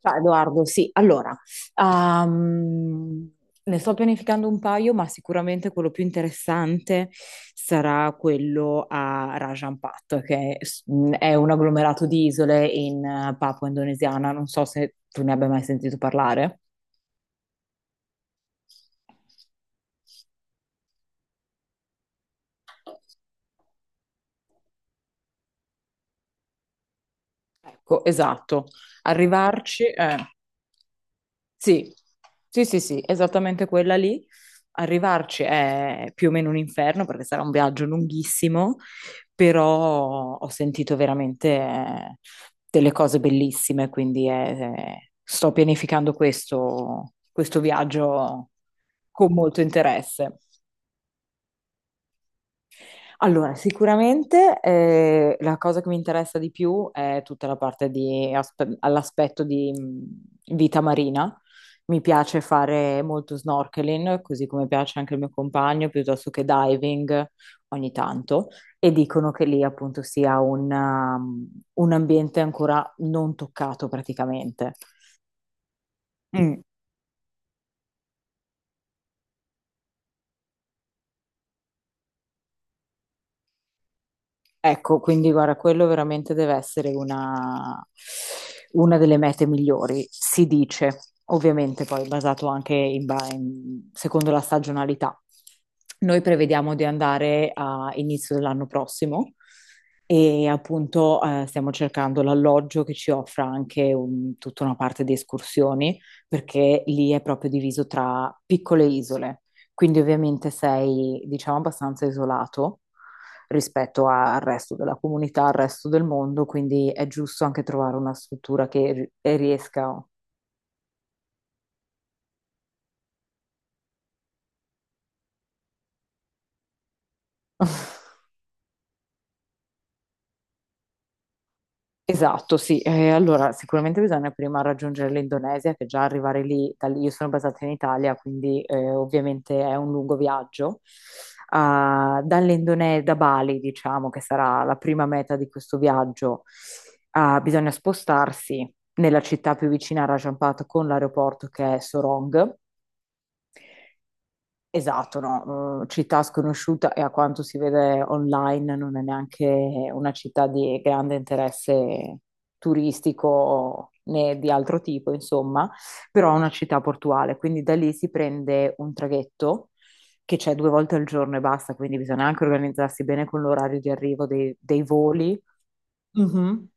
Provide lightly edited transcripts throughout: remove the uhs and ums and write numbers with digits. Ciao Edoardo, sì, allora, ehm, ne sto pianificando un paio, ma sicuramente quello più interessante sarà quello a Rajampat, che è un agglomerato di isole in Papua Indonesiana, non so se tu ne abbia mai sentito parlare. Ecco, esatto, arrivarci... eh. sì, sì, sì, sì, esattamente quella lì. Arrivarci è più o meno un inferno perché sarà un viaggio lunghissimo, però ho sentito veramente delle cose bellissime, quindi sto pianificando questo viaggio con molto interesse. Allora, sicuramente la cosa che mi interessa di più è tutta la parte di all'aspetto di vita marina. Mi piace fare molto snorkeling, così come piace anche il mio compagno, piuttosto che diving ogni tanto. E dicono che lì appunto sia un ambiente ancora non toccato praticamente. Mm. Ecco, quindi guarda, quello veramente deve essere una delle mete migliori, si dice, ovviamente poi basato anche secondo la stagionalità. Noi prevediamo di andare a inizio dell'anno prossimo e appunto stiamo cercando l'alloggio che ci offra anche tutta una parte di escursioni, perché lì è proprio diviso tra piccole isole, quindi ovviamente sei, diciamo, abbastanza isolato rispetto al resto della comunità, al resto del mondo, quindi è giusto anche trovare una struttura che riesca. Esatto, sì. Allora, sicuramente bisogna prima raggiungere l'Indonesia, che già arrivare lì, io sono basata in Italia, quindi ovviamente è un lungo viaggio. Ah, dall'Indonesia, da Bali, diciamo, che sarà la prima meta di questo viaggio, bisogna spostarsi nella città più vicina a Rajampata con l'aeroporto che è Sorong. Esatto, no, città sconosciuta e a quanto si vede online non è neanche una città di grande interesse turistico né di altro tipo, insomma, però è una città portuale, quindi da lì si prende un traghetto che c'è due volte al giorno e basta, quindi bisogna anche organizzarsi bene con l'orario di arrivo dei voli. Mhm.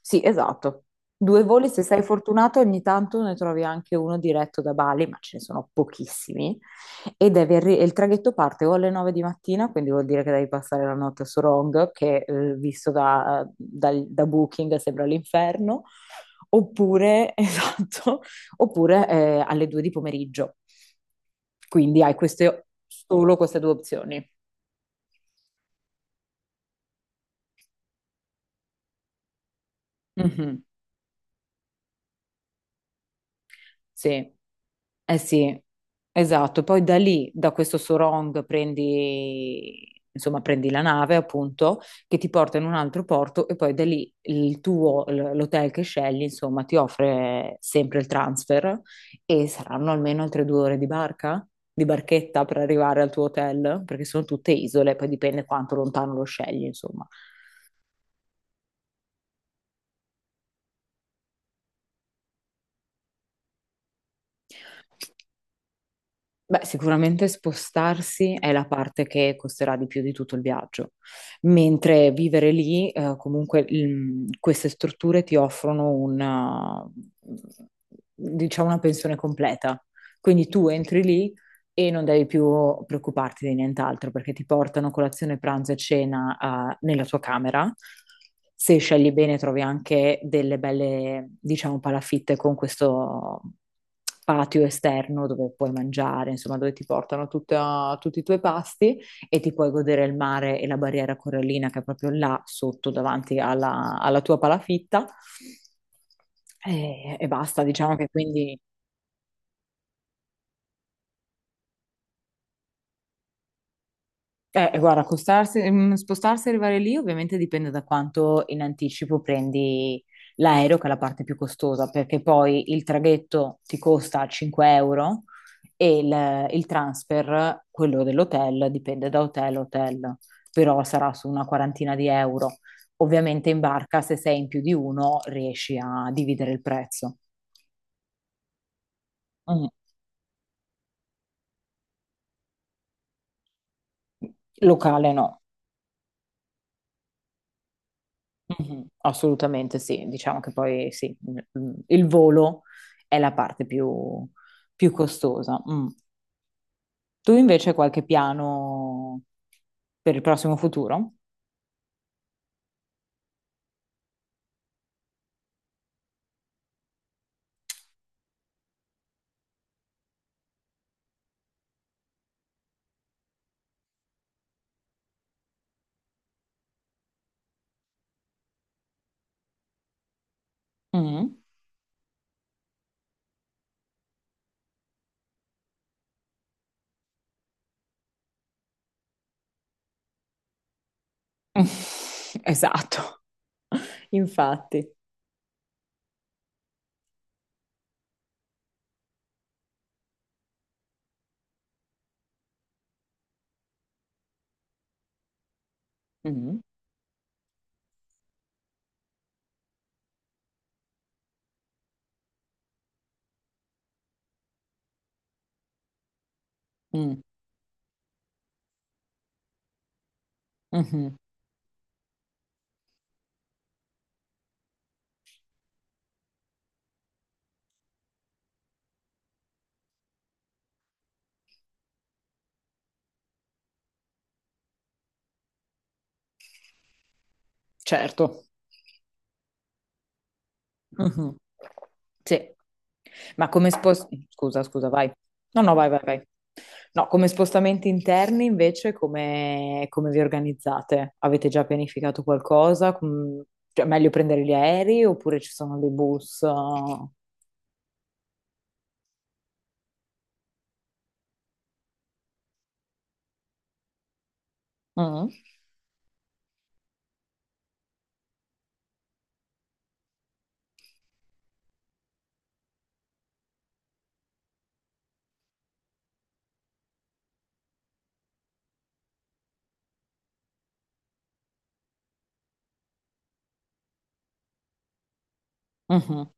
Sì, esatto. Due voli, se sei fortunato, ogni tanto ne trovi anche uno diretto da Bali, ma ce ne sono pochissimi. E il traghetto parte o alle 9 di mattina, quindi vuol dire che devi passare la notte a Sorong, che visto da Booking sembra l'inferno, oppure, esatto, oppure alle 2 di pomeriggio. Quindi hai queste, solo queste due opzioni. Mhm. Sì, eh sì, esatto. Poi da lì, da questo Sorong, prendi, insomma, prendi la nave, appunto, che ti porta in un altro porto e poi da lì il tuo, l'hotel che scegli, insomma, ti offre sempre il transfer e saranno almeno altre 2 ore di barca, di barchetta per arrivare al tuo hotel, perché sono tutte isole, poi dipende quanto lontano lo scegli, insomma. Beh, sicuramente spostarsi è la parte che costerà di più di tutto il viaggio, mentre vivere lì, comunque, queste strutture ti offrono diciamo, una pensione completa. Quindi tu entri lì e non devi più preoccuparti di nient'altro perché ti portano colazione, pranzo e cena, nella tua camera. Se scegli bene, trovi anche delle belle, diciamo, palafitte con questo patio esterno dove puoi mangiare, insomma, dove ti portano tutti i tuoi pasti e ti puoi godere il mare e la barriera corallina che è proprio là sotto, davanti alla tua palafitta. E basta, diciamo che quindi. Guarda, spostarsi e arrivare lì ovviamente dipende da quanto in anticipo prendi l'aereo, che è la parte più costosa, perché poi il traghetto ti costa 5 euro e il transfer, quello dell'hotel, dipende da hotel a hotel, però sarà su una quarantina di euro. Ovviamente in barca, se sei in più di uno, riesci a dividere il prezzo. Mm. Locale no. Mhm, assolutamente sì, diciamo che poi sì, il volo è la parte più costosa. Mm. Tu invece hai qualche piano per il prossimo futuro? Mm. Esatto, infatti. Mm. Mm. Mhm. Certo. Mhm. Sì, ma come spostamenti. Scusa, scusa, vai. No, no, vai, vai, vai. No, come spostamenti interni invece, come, come vi organizzate? Avete già pianificato qualcosa? Cioè, è meglio prendere gli aerei oppure ci sono dei bus? Mm. Mhm.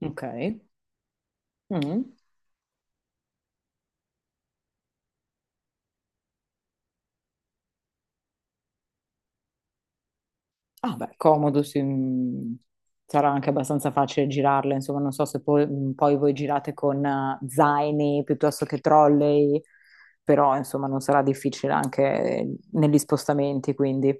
Ok. Mm. Ah, beh, comodo, sì, sarà anche abbastanza facile girarle, insomma, non so se poi, poi voi girate con zaini piuttosto che trolley, però insomma non sarà difficile anche negli spostamenti, quindi.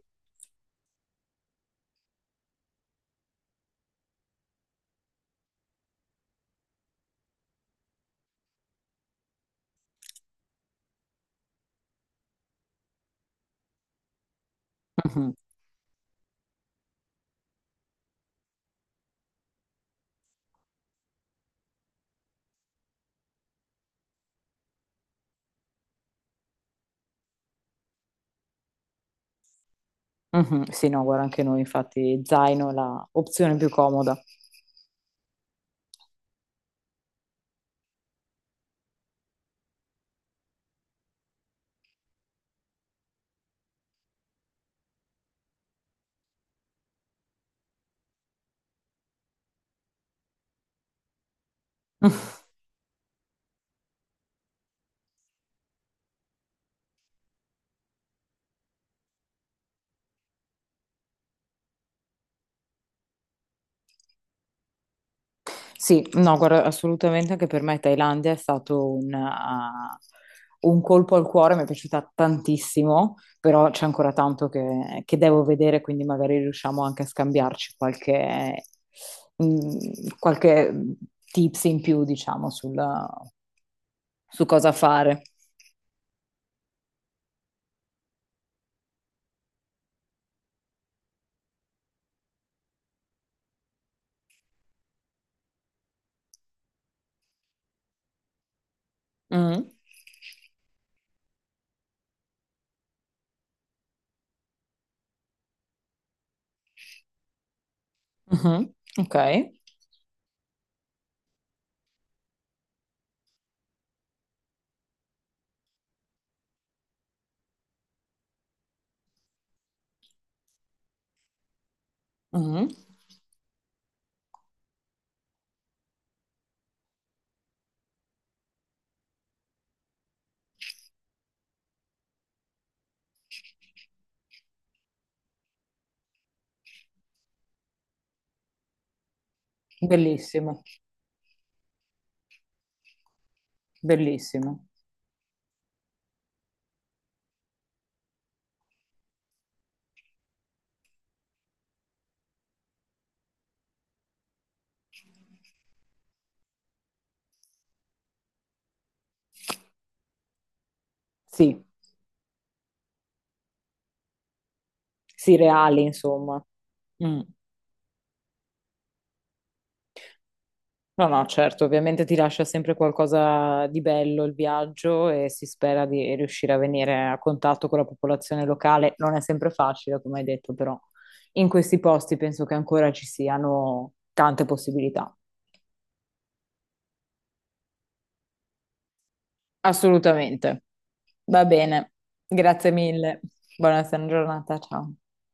Mhm, mhm, sì, no, guarda, anche noi infatti zaino è la opzione più comoda. Sì, no, guarda, assolutamente anche per me Thailandia è stato un colpo al cuore, mi è piaciuta tantissimo, però c'è ancora tanto che devo vedere, quindi magari riusciamo anche a scambiarci qualche, mm, qualche tips in più, diciamo, su cosa fare. Mm, mhm, ok, mhm. Bellissimo, bellissimo. Sì, sì, reali, insomma. Mm. No, no, certo, ovviamente ti lascia sempre qualcosa di bello il viaggio e si spera di riuscire a venire a contatto con la popolazione locale. Non è sempre facile, come hai detto, però in questi posti penso che ancora ci siano tante possibilità. Assolutamente. Va bene. Grazie mille. Buona giornata, ciao.